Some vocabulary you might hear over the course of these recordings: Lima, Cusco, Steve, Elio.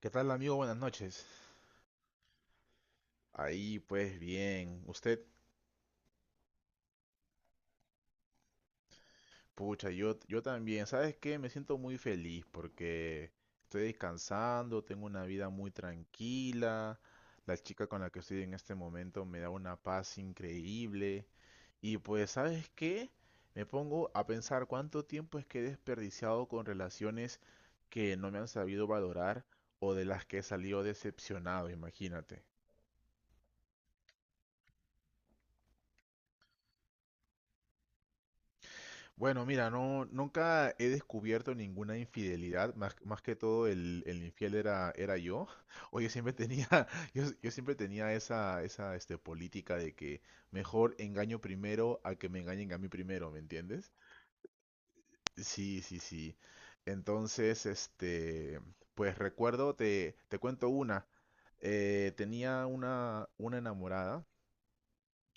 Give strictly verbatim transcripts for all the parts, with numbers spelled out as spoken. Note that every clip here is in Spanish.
¿Qué tal, amigo? Buenas noches. Ahí, pues bien. Usted, pucha, yo, yo también. ¿Sabes qué? Me siento muy feliz porque estoy descansando, tengo una vida muy tranquila. La chica con la que estoy en este momento me da una paz increíble. Y pues, ¿sabes qué? Me pongo a pensar cuánto tiempo es que he desperdiciado con relaciones que no me han sabido valorar o de las que he salido decepcionado, imagínate. Bueno, mira, no, nunca he descubierto ninguna infidelidad, más, más que todo el, el infiel era, era yo. O yo siempre tenía, yo, yo siempre tenía esa, esa este, política de que mejor engaño primero a que me engañen a mí primero, ¿me entiendes? Sí, sí, sí. Entonces, este, pues recuerdo, te, te cuento una. Eh, tenía una, una enamorada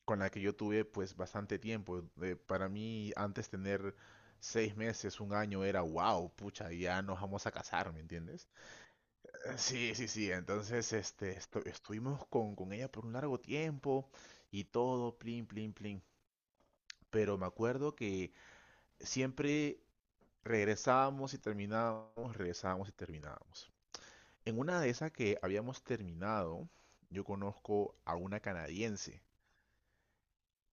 con la que yo tuve pues bastante tiempo. Eh, para mí antes tener seis meses, un año era wow, pucha, ya nos vamos a casar, ¿me entiendes? Eh, Sí, sí, sí, entonces este, estu- estuvimos con, con ella por un largo tiempo y todo, plin, plin, plin. Pero me acuerdo que siempre regresábamos y terminábamos, regresábamos y terminábamos. En una de esas que habíamos terminado, yo conozco a una canadiense.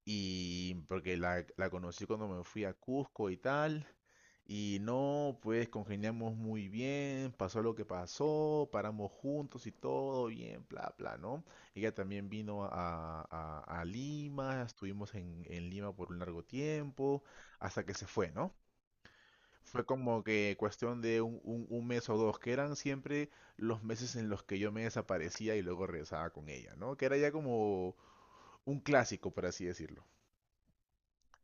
Y porque la, la conocí cuando me fui a Cusco y tal. Y no, pues congeniamos muy bien, pasó lo que pasó, paramos juntos y todo bien, bla, bla, ¿no? Ella también vino a, a- a Lima, estuvimos en, en Lima por un largo tiempo, hasta que se fue, ¿no? Fue como que cuestión de un, un- un mes o dos, que eran siempre los meses en los que yo me desaparecía y luego regresaba con ella, ¿no? Que era ya como un clásico, por así decirlo.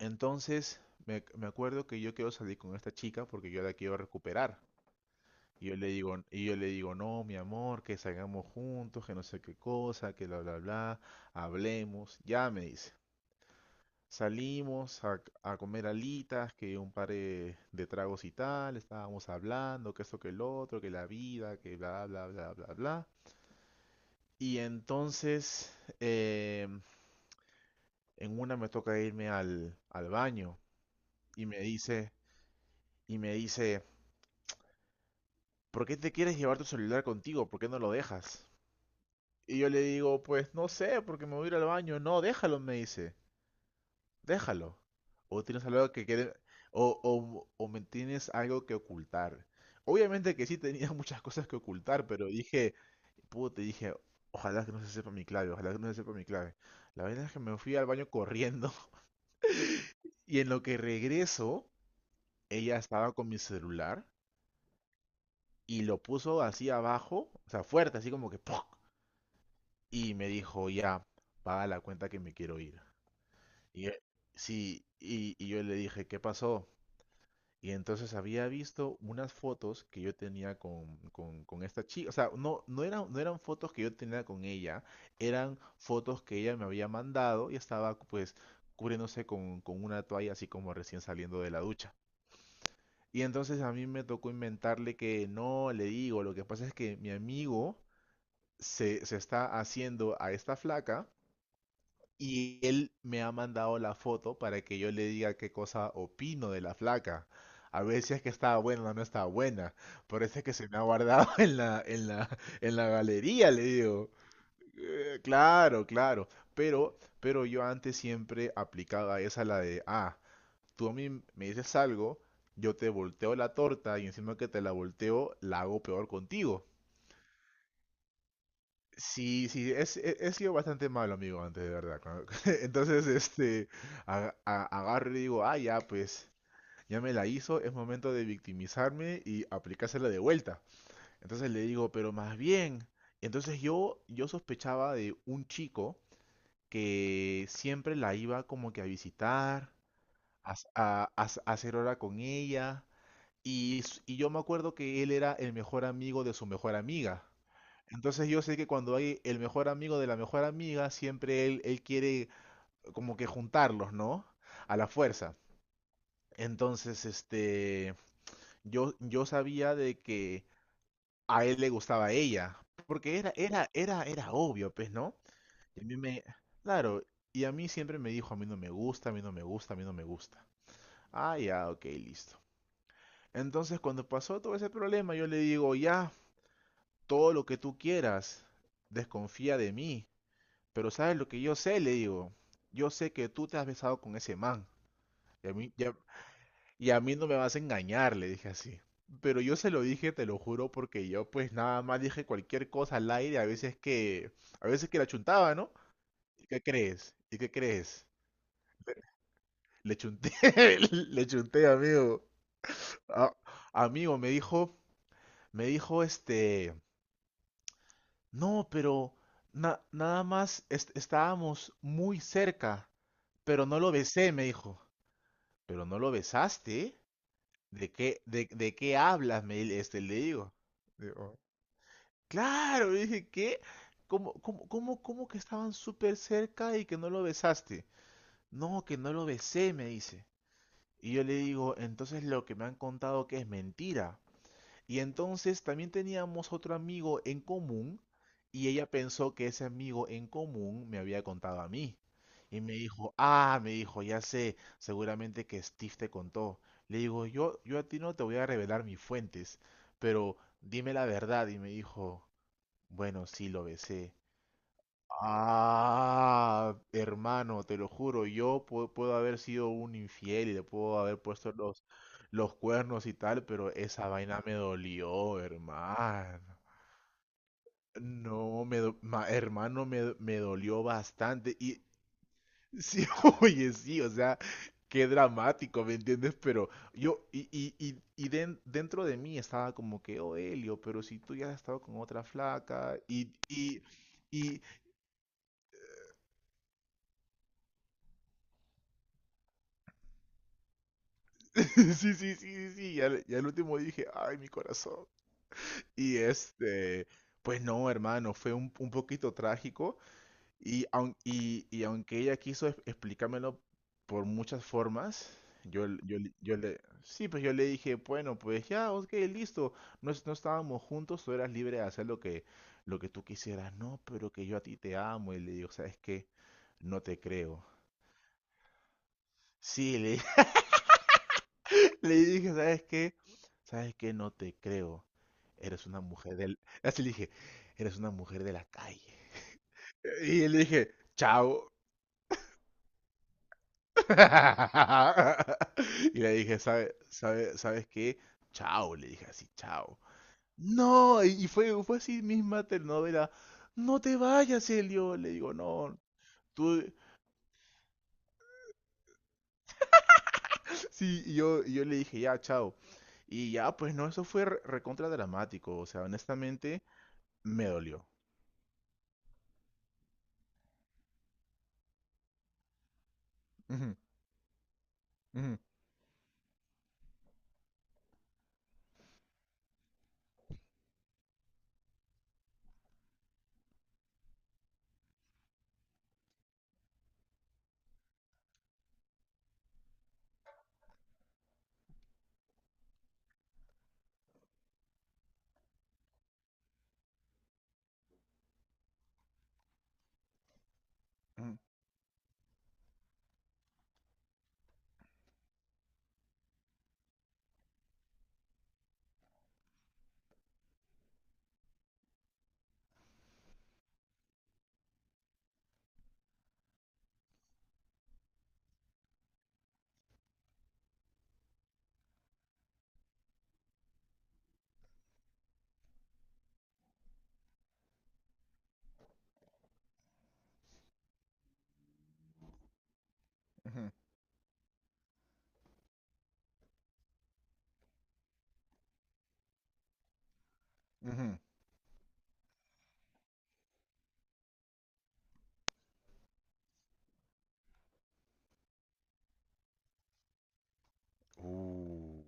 Entonces, me, ac- me acuerdo que yo quiero salir con esta chica porque yo la quiero recuperar. Y yo le digo, y yo le digo, no, mi amor, que salgamos juntos, que no sé qué cosa, que bla, bla, bla, hablemos. Ya me dice. Salimos a, a comer alitas, que un par de, de tragos y tal, estábamos hablando, que esto, que el otro, que la vida, que bla, bla, bla, bla, bla. Y entonces, em, en una me toca irme al, al baño y me dice, y me dice, ¿por qué te quieres llevar tu celular contigo? ¿Por qué no lo dejas? Y yo le digo, pues no sé, porque me voy a ir al baño. No, déjalo, me dice. Déjalo. O tienes algo que quede- o, o, o me tienes algo que ocultar. Obviamente que sí tenía muchas cosas que ocultar, pero dije, te dije, ojalá que no se sepa mi clave, ojalá que no se sepa mi clave. La verdad es que me fui al baño corriendo y en lo que regreso, ella estaba con mi celular y lo puso así abajo, o sea, fuerte, así como que ¡pum! Y me dijo, ya, paga la cuenta que me quiero ir. Y yo- sí, y, y yo le dije, ¿qué pasó? Y entonces había visto unas fotos que yo tenía con, con, con esta chica. O sea, no, no eran, no eran fotos que yo tenía con ella, eran fotos que ella me había mandado y estaba pues cubriéndose con, con una toalla así como recién saliendo de la ducha. Y entonces a mí me tocó inventarle que no, le digo, lo que pasa es que mi amigo se, se está haciendo a esta flaca. Y él me ha mandado la foto para que yo le diga qué cosa opino de la flaca. A ver si es que estaba buena o no estaba buena. Por eso es que se me ha guardado en la, en la, en la galería, le digo. Eh, claro, claro. Pero, pero yo antes siempre aplicaba esa la de, ah, tú a mí me dices algo, yo te volteo la torta y encima que te la volteo, la hago peor contigo. Sí, sí, es- he, he sido bastante malo, amigo, antes de verdad. ¿No? Entonces, este, a- a- agarro y digo, ah, ya, pues, ya me la hizo, es momento de victimizarme y aplicársela de vuelta. Entonces le digo, pero más bien, entonces yo, yo sospechaba de un chico que siempre la iba como que a visitar, a, s- a- a s- a hacer hora con ella, y, s- y yo me acuerdo que él era el mejor amigo de su mejor amiga. Entonces yo sé que cuando hay el mejor amigo de la mejor amiga, siempre él, él quiere como que juntarlos, ¿no? A la fuerza. Entonces, este, yo, yo sabía de que a él le gustaba a ella, porque era, era, era, era obvio, pues, ¿no? Y a mí me, claro, y a mí siempre me dijo, a mí no me gusta, a mí no me gusta, a mí no me gusta. Ah, ya, ok, listo. Entonces, cuando pasó todo ese problema, yo le digo, ya, todo lo que tú quieras, desconfía de mí. Pero ¿sabes lo que yo sé? Le digo, yo sé que tú te has besado con ese man. Y a mí, y a- y a mí no me vas a engañar, le dije así. Pero yo se lo dije, te lo juro, porque yo pues nada más dije cualquier cosa al aire, a veces que, a veces que la chuntaba, ¿no? ¿Y qué crees? ¿Y qué crees? Le chunté, le chunté, amigo. A- amigo, me dijo, me dijo este, no, pero na- nada más est- estábamos muy cerca, pero no lo besé, me dijo. Pero no lo besaste. ¿De qué, de, de qué hablas? Me, este, le digo. Digo, claro, le dije, ¿qué? ¿Cómo, cómo, cómo, cómo que estaban súper cerca y que no lo besaste? No, que no lo besé, me dice. Y yo le digo, entonces lo que me han contado que es mentira. Y entonces también teníamos otro amigo en común y ella pensó que ese amigo en común me había contado a mí. Y me dijo, ah, me dijo, ya sé, seguramente que Steve te contó. Le digo, yo, yo a ti no te voy a revelar mis fuentes, pero dime la verdad. Y me dijo, bueno, sí, lo besé. Ah, hermano, te lo juro, yo pu- puedo haber sido un infiel y le puedo haber puesto los, los cuernos y tal, pero esa vaina me dolió, hermano. No, me do- ma- hermano, me, do- me dolió bastante. Y sí, oye, sí, o sea, qué dramático, ¿me entiendes? Pero yo, y, y, y, y den- dentro de mí estaba como que, oh, Elio, pero si tú ya has estado con otra flaca, y, y, y, sí, sí, sí, sí, sí. Y al, y al último dije, ay, mi corazón. Y este, pues no, hermano, fue un, un poquito trágico. Y, aun- y, y aunque ella quiso es- explicármelo por muchas formas, yo, le- yo, le- yo le, sí, pues yo le dije, bueno, pues ya, ok, listo. No, es- no estábamos juntos, tú eras libre de hacer lo que, lo que tú quisieras. No, pero que yo a ti te amo. Y le digo, ¿sabes qué? No te creo. Sí, le... Le dije, ¿sabes qué? ¿Sabes qué? No te creo. Eres una mujer del... Así le dije, eres una mujer de la calle. Y le dije, chao. Y le dije, ¿sabe, sabes sabes sabes qué? Chao, le dije así, chao. No, y y fue, fue así misma telenovela. No te vayas, Elio. Le digo, no, tú... Sí, y yo, y yo le dije, ya, chao. Y ya, pues no, eso fue re- recontra dramático. O sea, honestamente, me dolió. Ujú, ujú. Ujú, ujú, ujú. Uh,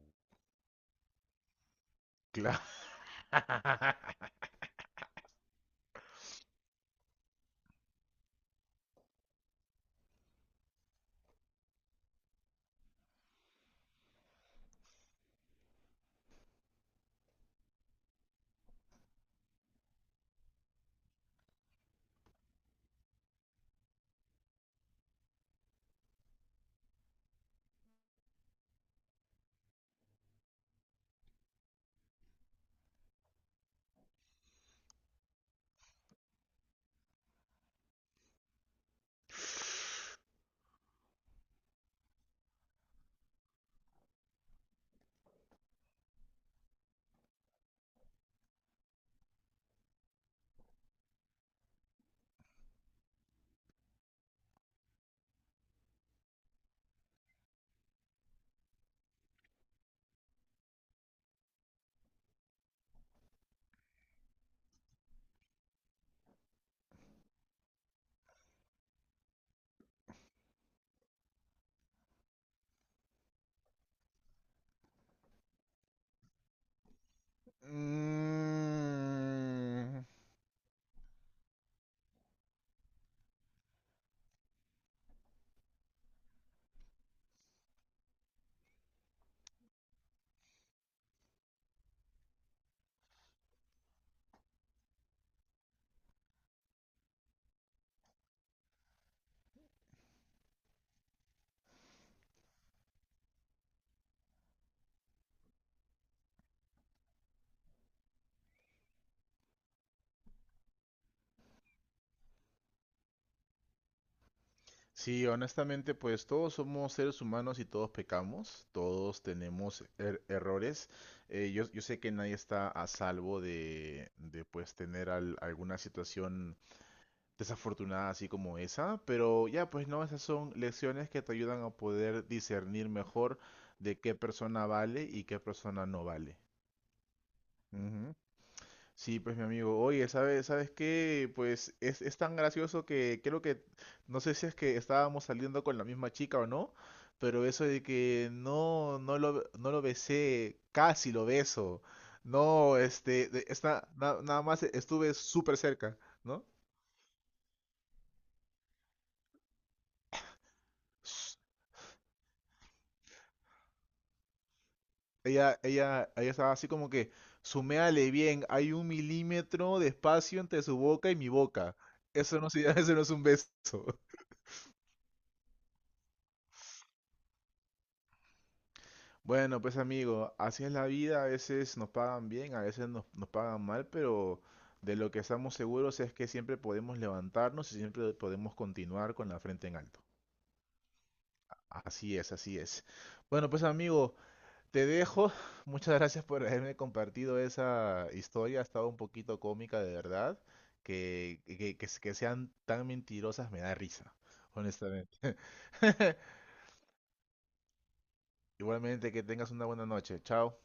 claro. Mm, sí, honestamente, pues todos somos seres humanos y todos pecamos, todos tenemos er- errores. Eh, yo, yo sé que nadie está a salvo de, de pues tener al- alguna situación desafortunada así como esa, pero ya pues no, esas son lecciones que te ayudan a poder discernir mejor de qué persona vale y qué persona no vale. Ujú. Sí, pues mi amigo, oye, ¿sabes, sabes qué? Pues es, es tan gracioso que creo que, no sé si es que estábamos saliendo con la misma chica o no, pero eso de que no, no lo, no lo besé, casi lo beso, no, este, de- está, na- nada más estuve súper cerca, ¿no? S- Ella, ella, ella estaba así como que, suméale bien, hay un milímetro de espacio entre su boca y mi boca, eso no, se- eso no es un beso. Bueno, pues amigo, así es la vida, a veces nos pagan bien, a veces nos, nos pagan mal, pero de lo que estamos seguros es que siempre podemos levantarnos y siempre podemos continuar con la frente en alto. Así es, así es. Bueno, pues amigo, te dejo. Muchas gracias por haberme compartido esa historia, ha estado un poquito cómica de verdad. Que, que, que, que sean tan mentirosas me da risa, honestamente. Igualmente, que tengas una buena noche. Chao.